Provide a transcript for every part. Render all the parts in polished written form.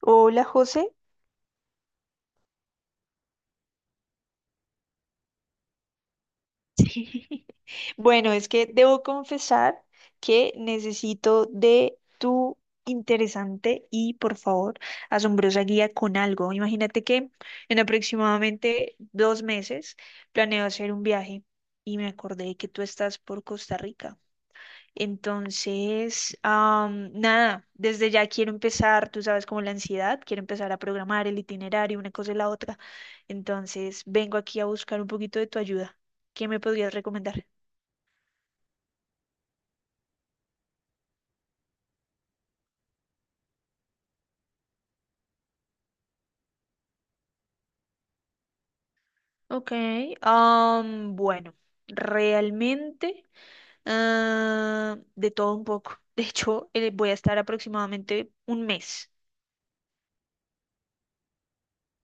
Hola, José. Bueno, es que debo confesar que necesito de tu interesante y, por favor, asombrosa guía con algo. Imagínate que en aproximadamente 2 meses planeo hacer un viaje y me acordé que tú estás por Costa Rica. Entonces, nada, desde ya quiero empezar, tú sabes, como la ansiedad, quiero empezar a programar el itinerario, una cosa y la otra. Entonces, vengo aquí a buscar un poquito de tu ayuda. ¿Qué me podrías recomendar? Ok, bueno, realmente de todo un poco. De hecho, voy a estar aproximadamente un mes.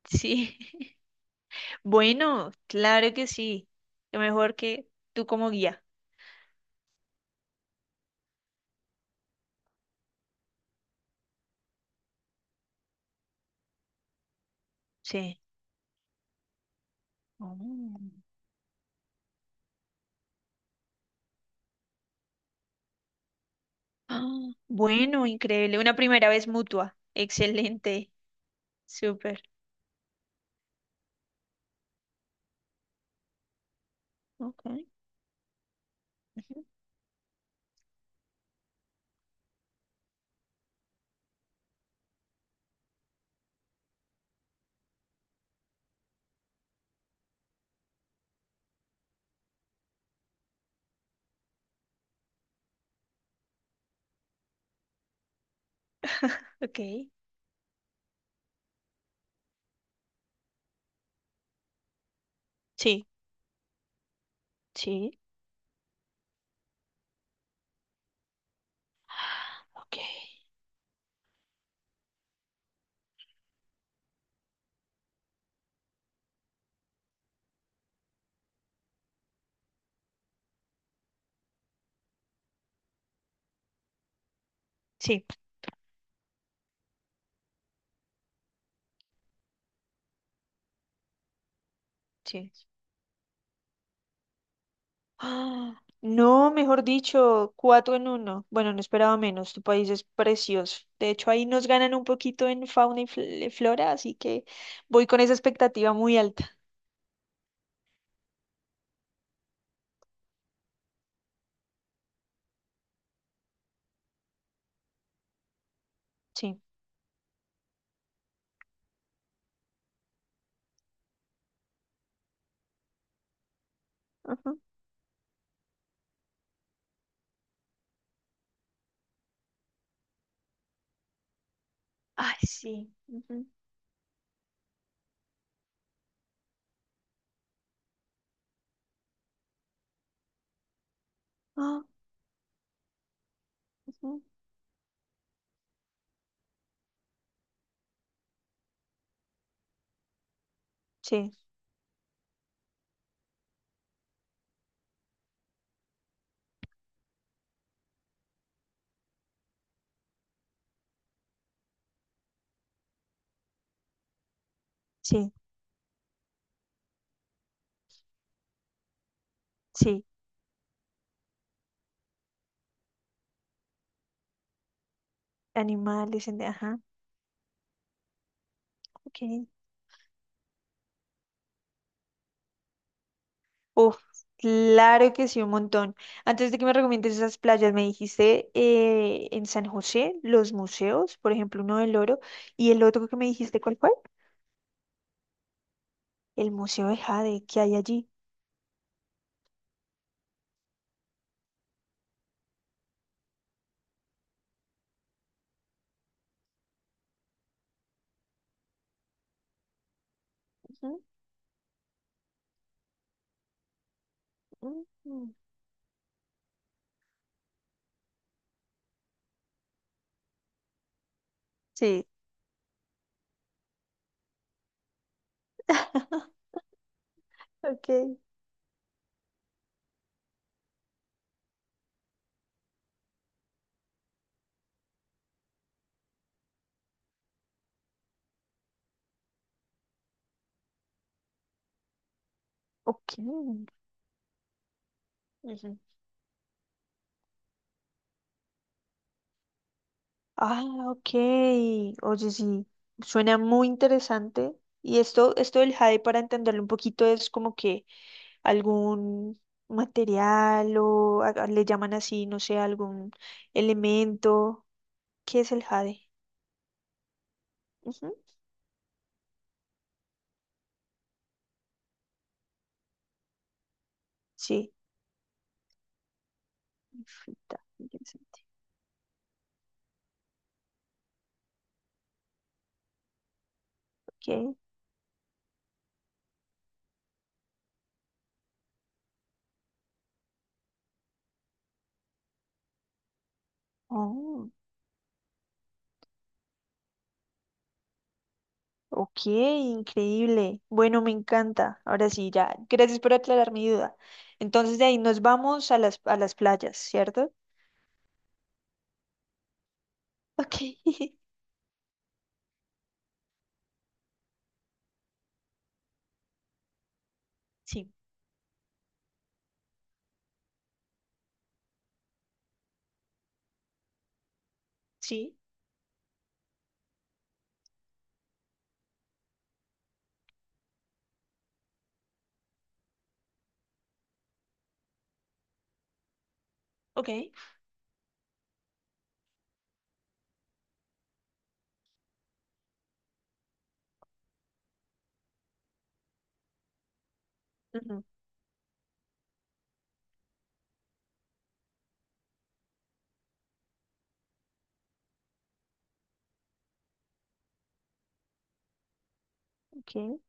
Sí. Bueno, claro que sí. Lo mejor que tú como guía. Sí. Oh. Ah, bueno, increíble. Una primera vez mutua. Excelente. Súper. Ok. Ujú. Ok. Sí, sí. Ok. Sí, sí. Ah, no, mejor dicho, cuatro en uno. Bueno, no esperaba menos. Tu país es precioso. De hecho, ahí nos ganan un poquito en fauna y flora, así que voy con esa expectativa muy alta. Sí. Ujú. Ay, sí. Ujú. Ah, ujú. Sí, sí, sí. Animales, ajá. Okay. Uf, claro que sí, un montón. Antes de que me recomiendes esas playas, me dijiste en San José, los museos, por ejemplo, uno del Oro, y el otro que me dijiste, ¿cuál fue? El Museo de Jade, ¿que hay allí? Ujú, ujú. Sí. Ok. Ok. Ujú. Ah, ok. Oye, sí, suena muy interesante. Y esto del jade, para entenderlo un poquito, es como que algún material o le llaman así, no sé, algún elemento. ¿Qué es el jade? Ujú, sí, fruta, interesante. Ok. Oh, ok, increíble. Bueno, me encanta. Ahora sí, ya. Gracias por aclarar mi duda. Entonces de ahí nos vamos a las, playas, ¿cierto? Ok. Sí. Sí, ok. Ujú, ok.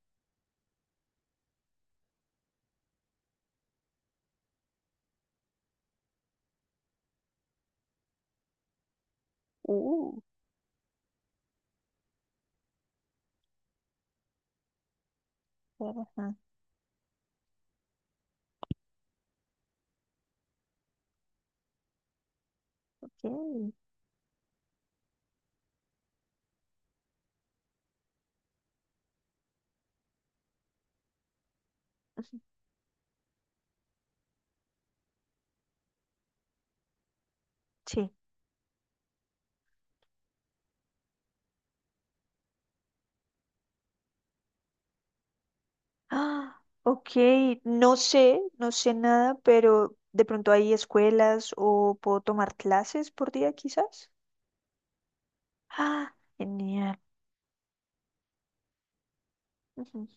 Uh, ajá, ok. Sí. Ah, ok, no sé, no sé nada, pero de pronto hay escuelas o puedo tomar clases por día quizás. Ah, genial. Ujú.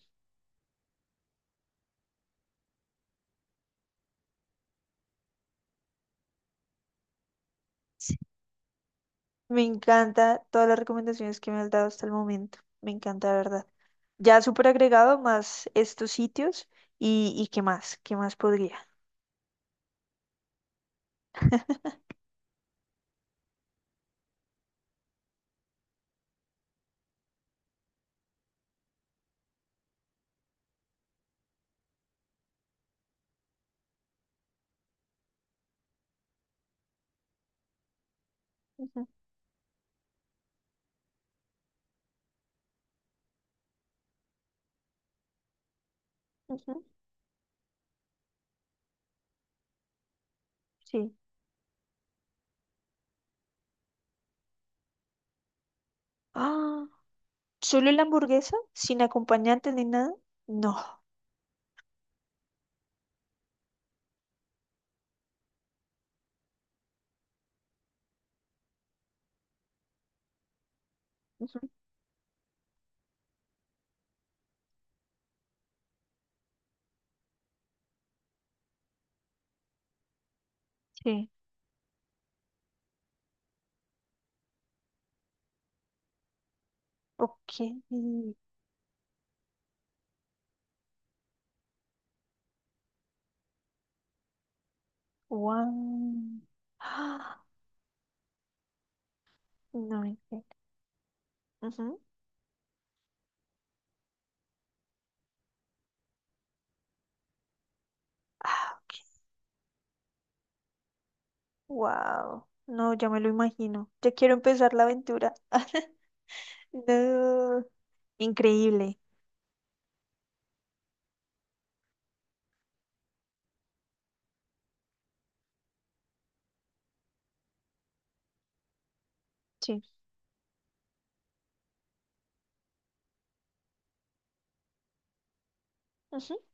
Sí. Me encanta todas las recomendaciones que me has dado hasta el momento. Me encanta, de verdad. Ya súper agregado más estos sitios y qué más podría. Ujú, ujú, sí. Ah, ¿solo la hamburguesa? ¿Sin acompañante ni nada? No. Ujú, sí. Ok. Wow. Ah, no entiendo. Ujú. Ah, wow. No, ya me lo imagino. Ya quiero empezar la aventura. No. Increíble. Sí. Ujú.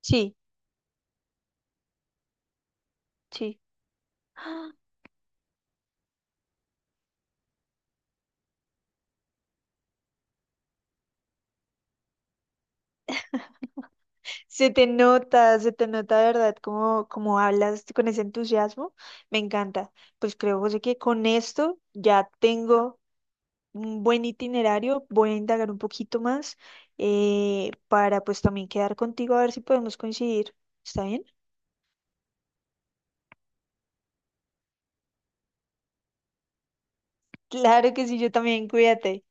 Sí, sí. Ah, se te nota, se te nota de verdad cómo, hablas con ese entusiasmo. Me encanta. Pues creo, José, que con esto ya tengo un buen itinerario, voy a indagar un poquito más para pues también quedar contigo a ver si podemos coincidir. ¿Está bien? Claro que sí, yo también, cuídate.